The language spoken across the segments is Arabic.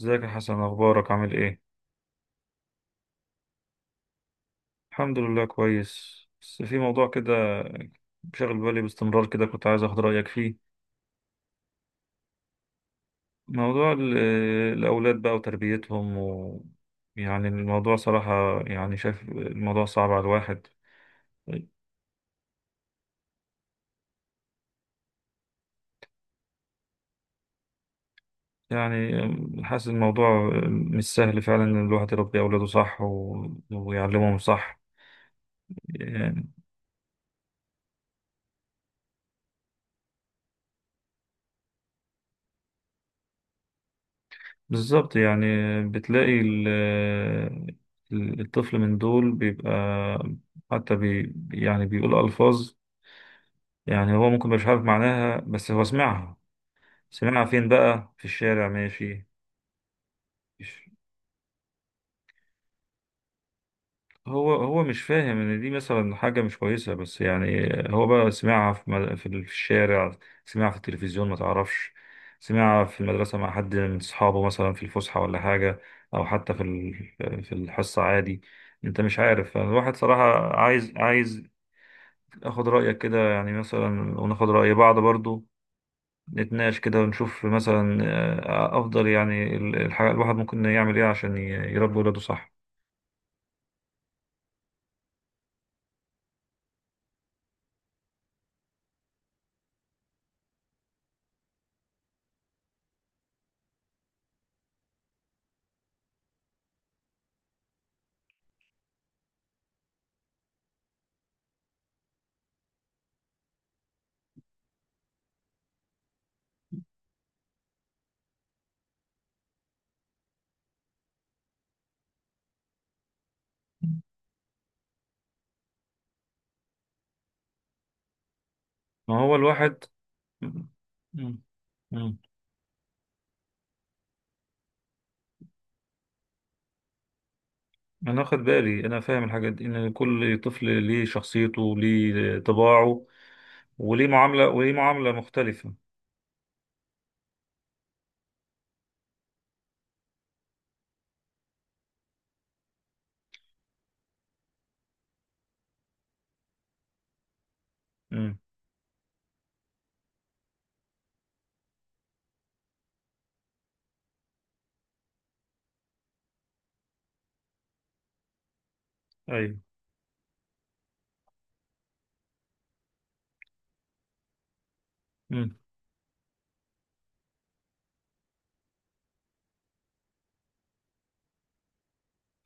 ازيك يا حسن؟ اخبارك؟ عامل ايه؟ الحمد لله كويس، بس في موضوع كده شاغل بالي باستمرار كده، كنت عايز اخد رايك فيه. موضوع ال- الاولاد بقى وتربيتهم يعني الموضوع صراحه، يعني شايف الموضوع صعب على الواحد. يعني حاسس الموضوع مش سهل فعلا، ان الواحد يربي اولاده صح ويعلمهم صح. بالظبط، يعني بتلاقي الطفل من دول بيبقى حتى بي يعني بيقول ألفاظ. يعني هو ممكن مش عارف معناها، بس هو سمعها. سمعها فين بقى؟ في الشارع ماشي. هو مش فاهم ان دي مثلا حاجه مش كويسه، بس يعني هو بقى سمعها في الشارع، سمعها في التلفزيون ما تعرفش، سمعها في المدرسه مع حد من اصحابه مثلا في الفسحه ولا حاجه، او حتى في الحصه عادي. انت مش عارف. الواحد صراحه عايز اخد رايك كده، يعني مثلا وناخد راي بعض برضو، نتناقش كده ونشوف مثلا افضل يعني الواحد ممكن يعمل ايه عشان يربي ولاده صح. ما هو الواحد. مم. مم. مم. انا واخد بالي، انا فاهم الحاجات دي، ان كل طفل ليه شخصيته، ليه طباعه، وليه معاملة مختلفة. امم. ايوه. امم.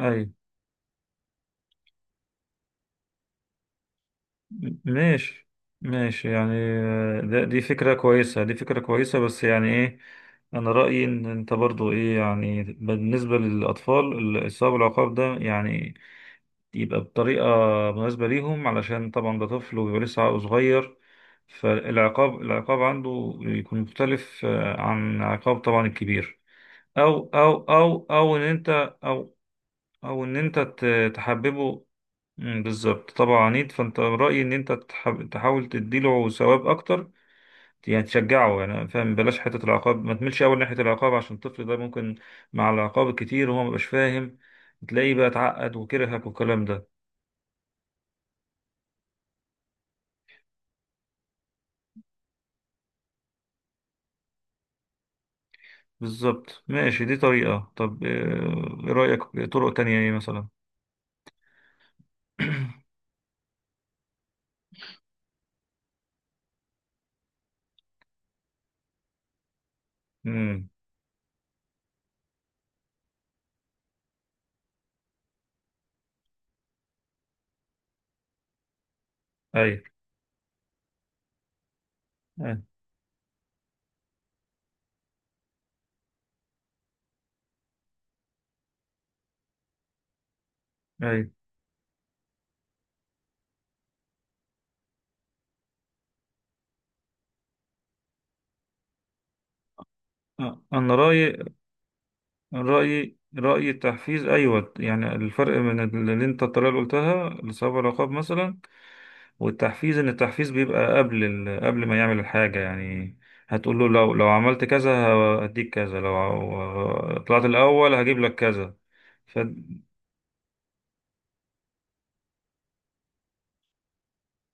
ايوه. ماشي. ماشي، يعني دي فكرة كويسة، دي فكرة كويسة، بس يعني ايه؟ انا رأيي ان انت برضو ايه، يعني بالنسبة للاطفال الصواب العقاب ده يعني يبقى بطريقة مناسبة ليهم، علشان طبعا ده طفل وبيبقى لسه عقله صغير، فالعقاب عنده يكون مختلف عن عقاب طبعا الكبير. أو أو أو أو إن أنت أو أو إن أنت تحببه. بالظبط، طبعا عنيد. فأنت رأيي إن أنت تحاول تديله ثواب أكتر، يعني تشجعه، يعني فاهم. بلاش حتة العقاب، ما تملش أول ناحية العقاب، عشان الطفل ده ممكن مع العقاب الكتير وهو مبقاش فاهم تلاقيه بقى اتعقد وكرهك والكلام ده. بالظبط، ماشي. دي طريقة. طب ايه رأيك؟ طرق تانية ايه مثلا؟ امم. اي. اي. اي. انا رأيي، رأيي التحفيز، ايوه. يعني الفرق من اللي انت الطريقة اللي قلتها لصاحب العقاب مثلا والتحفيز، ان التحفيز بيبقى قبل قبل ما يعمل الحاجة، يعني هتقول له لو عملت كذا هديك كذا. لو طلعت الاول هجيب لك كذا. ف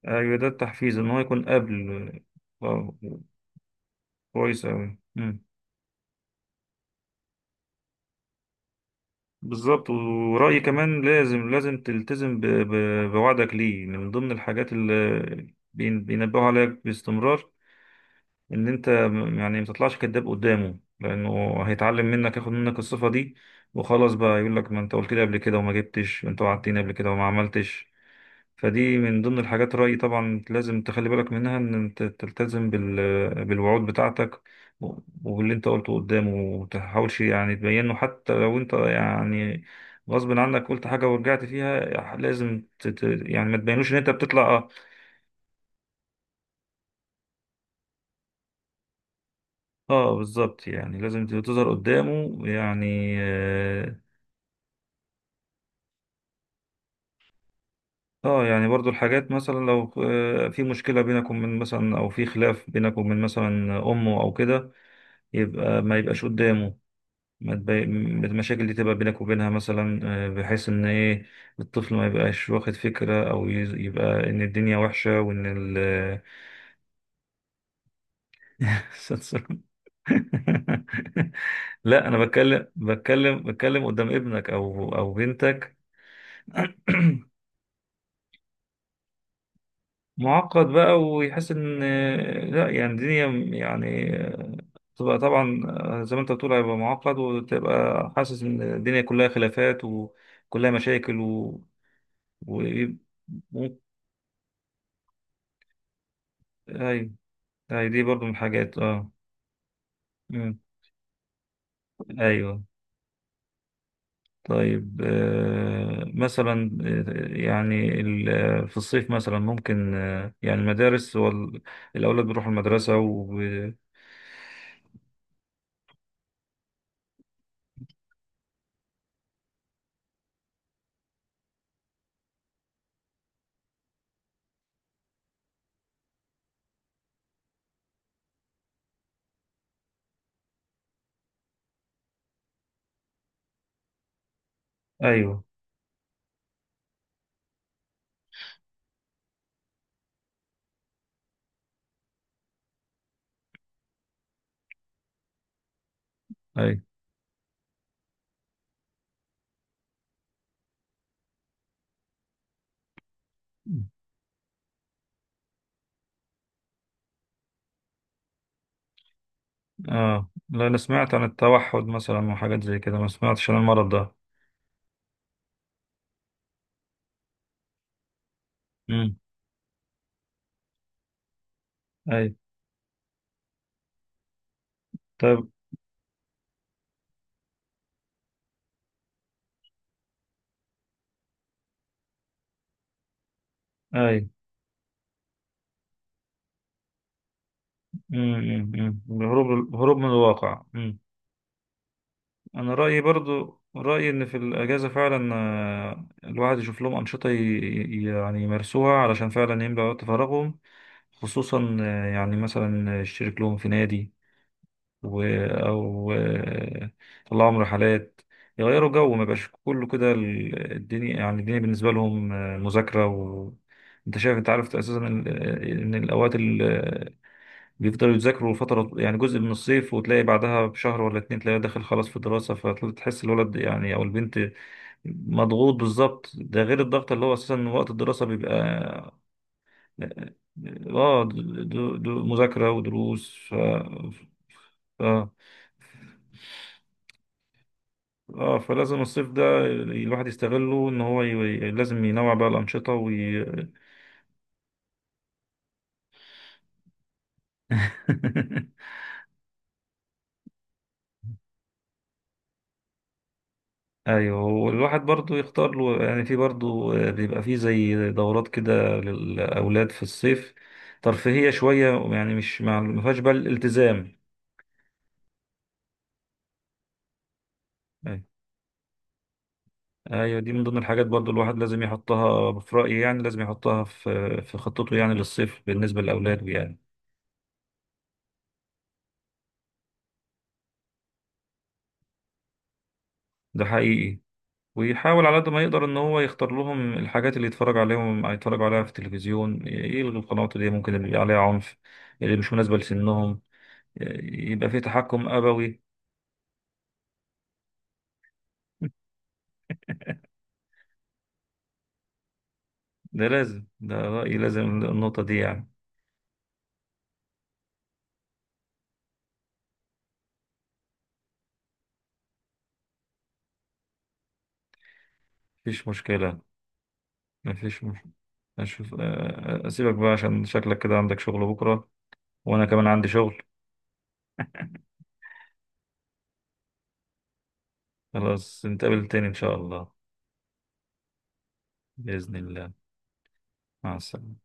ايوه، ده التحفيز، ان هو يكون قبل. آه، كويس اوي. بالظبط، ورأيي كمان لازم، تلتزم بوعدك ليه، يعني من ضمن الحاجات اللي بينبهوا عليك باستمرار، ان انت يعني ما تطلعش كذاب قدامه، لانه هيتعلم منك، ياخد منك الصفة دي وخلاص، بقى يقول لك ما انت قلت لي قبل كده وما جبتش، انت وعدتني قبل كده وما عملتش. فدي من ضمن الحاجات. رأيي طبعا لازم تخلي بالك منها، إن أنت تلتزم بالوعود بتاعتك و- وباللي أنت قلته قدامه، ومتحاولش يعني تبينه، حتى لو أنت يعني غصب عنك قلت حاجة ورجعت فيها لازم يعني ما تبينوش إن أنت بتطلع آه بالظبط، يعني لازم تظهر قدامه يعني يعني برضو الحاجات مثلا لو في مشكلة بينك ومن مثلا، أو في خلاف بينك ومن مثلا أمه أو كده، يبقى ما يبقاش قدامه، ما تبي- م- المشاكل دي تبقى بينك وبينها مثلا، بحيث ان ايه، الطفل ما يبقاش واخد فكرة، او يبقى ان الدنيا وحشة، وان ال سنسور. لا، انا بتكلم قدام ابنك او بنتك. معقد بقى، ويحس ان لا يعني الدنيا، يعني تبقى طبعا زي ما انت بتقول هيبقى معقد، وتبقى حاسس ان الدنيا كلها خلافات وكلها مشاكل و... ايوه. أيوة، دي برضو من الحاجات، اه. مم. ايوه. طيب مثلا، يعني في الصيف مثلا ممكن يعني المدارس هو الاولاد بيروحوا المدرسه و... ايوه. ايوه. اه، لا، انا سمعت عن التوحد مثلا وحاجات زي كده، ما سمعتش عن المرض ده. امم. ايوه. طيب. ايوه. الهروب من الواقع. انا رايي برضو، رايي ان في الاجازه فعلا الواحد يشوف لهم انشطه يعني يمارسوها، علشان فعلا يملى وقت فراغهم. خصوصا يعني مثلا يشترك لهم في نادي، و او آه، يطلعهم رحلات يغيروا جو. ما يبقاش كله كده الدنيا، يعني الدنيا بالنسبه لهم مذاكره و... انت شايف، انت عارف اساسا ان الاوقات بيفضلوا يذاكروا فترة، يعني جزء من الصيف، وتلاقي بعدها بشهر ولا اتنين تلاقيه داخل خلاص في الدراسة، فتحس الولد يعني أو البنت مضغوط. بالظبط، ده غير الضغط اللي هو أساسا وقت الدراسة بيبقى. اه، دو مذاكرة ودروس اه، فلازم الصيف ده الواحد يستغله، إن هو لازم ينوع بقى الأنشطة ايوه، والواحد برضو يختار له، يعني في برضو بيبقى في زي دورات كده للاولاد في الصيف، ترفيهيه شويه، يعني مش مع ما فيهاش بقى الالتزام. أيوة. ايوه، دي من ضمن الحاجات برضو الواحد لازم يحطها في رايي، يعني لازم يحطها في خطته يعني للصيف بالنسبه لاولاده يعني. ده حقيقي. ويحاول على قد ما يقدر ان هو يختار لهم الحاجات اللي يتفرج عليهم يتفرج عليها في التلفزيون، يلغي القنوات اللي ممكن اللي عليها عنف، اللي مش مناسبه لسنهم. يبقى في تحكم أبوي. ده لازم، ده رأيي، لازم النقطة دي يعني. مفيش مشكلة. مفيش مش... أشوف، أسيبك بقى عشان شكلك كده عندك شغل بكرة، وأنا كمان عندي شغل. خلاص، نتقابل تاني إن شاء الله. بإذن الله. مع السلامة.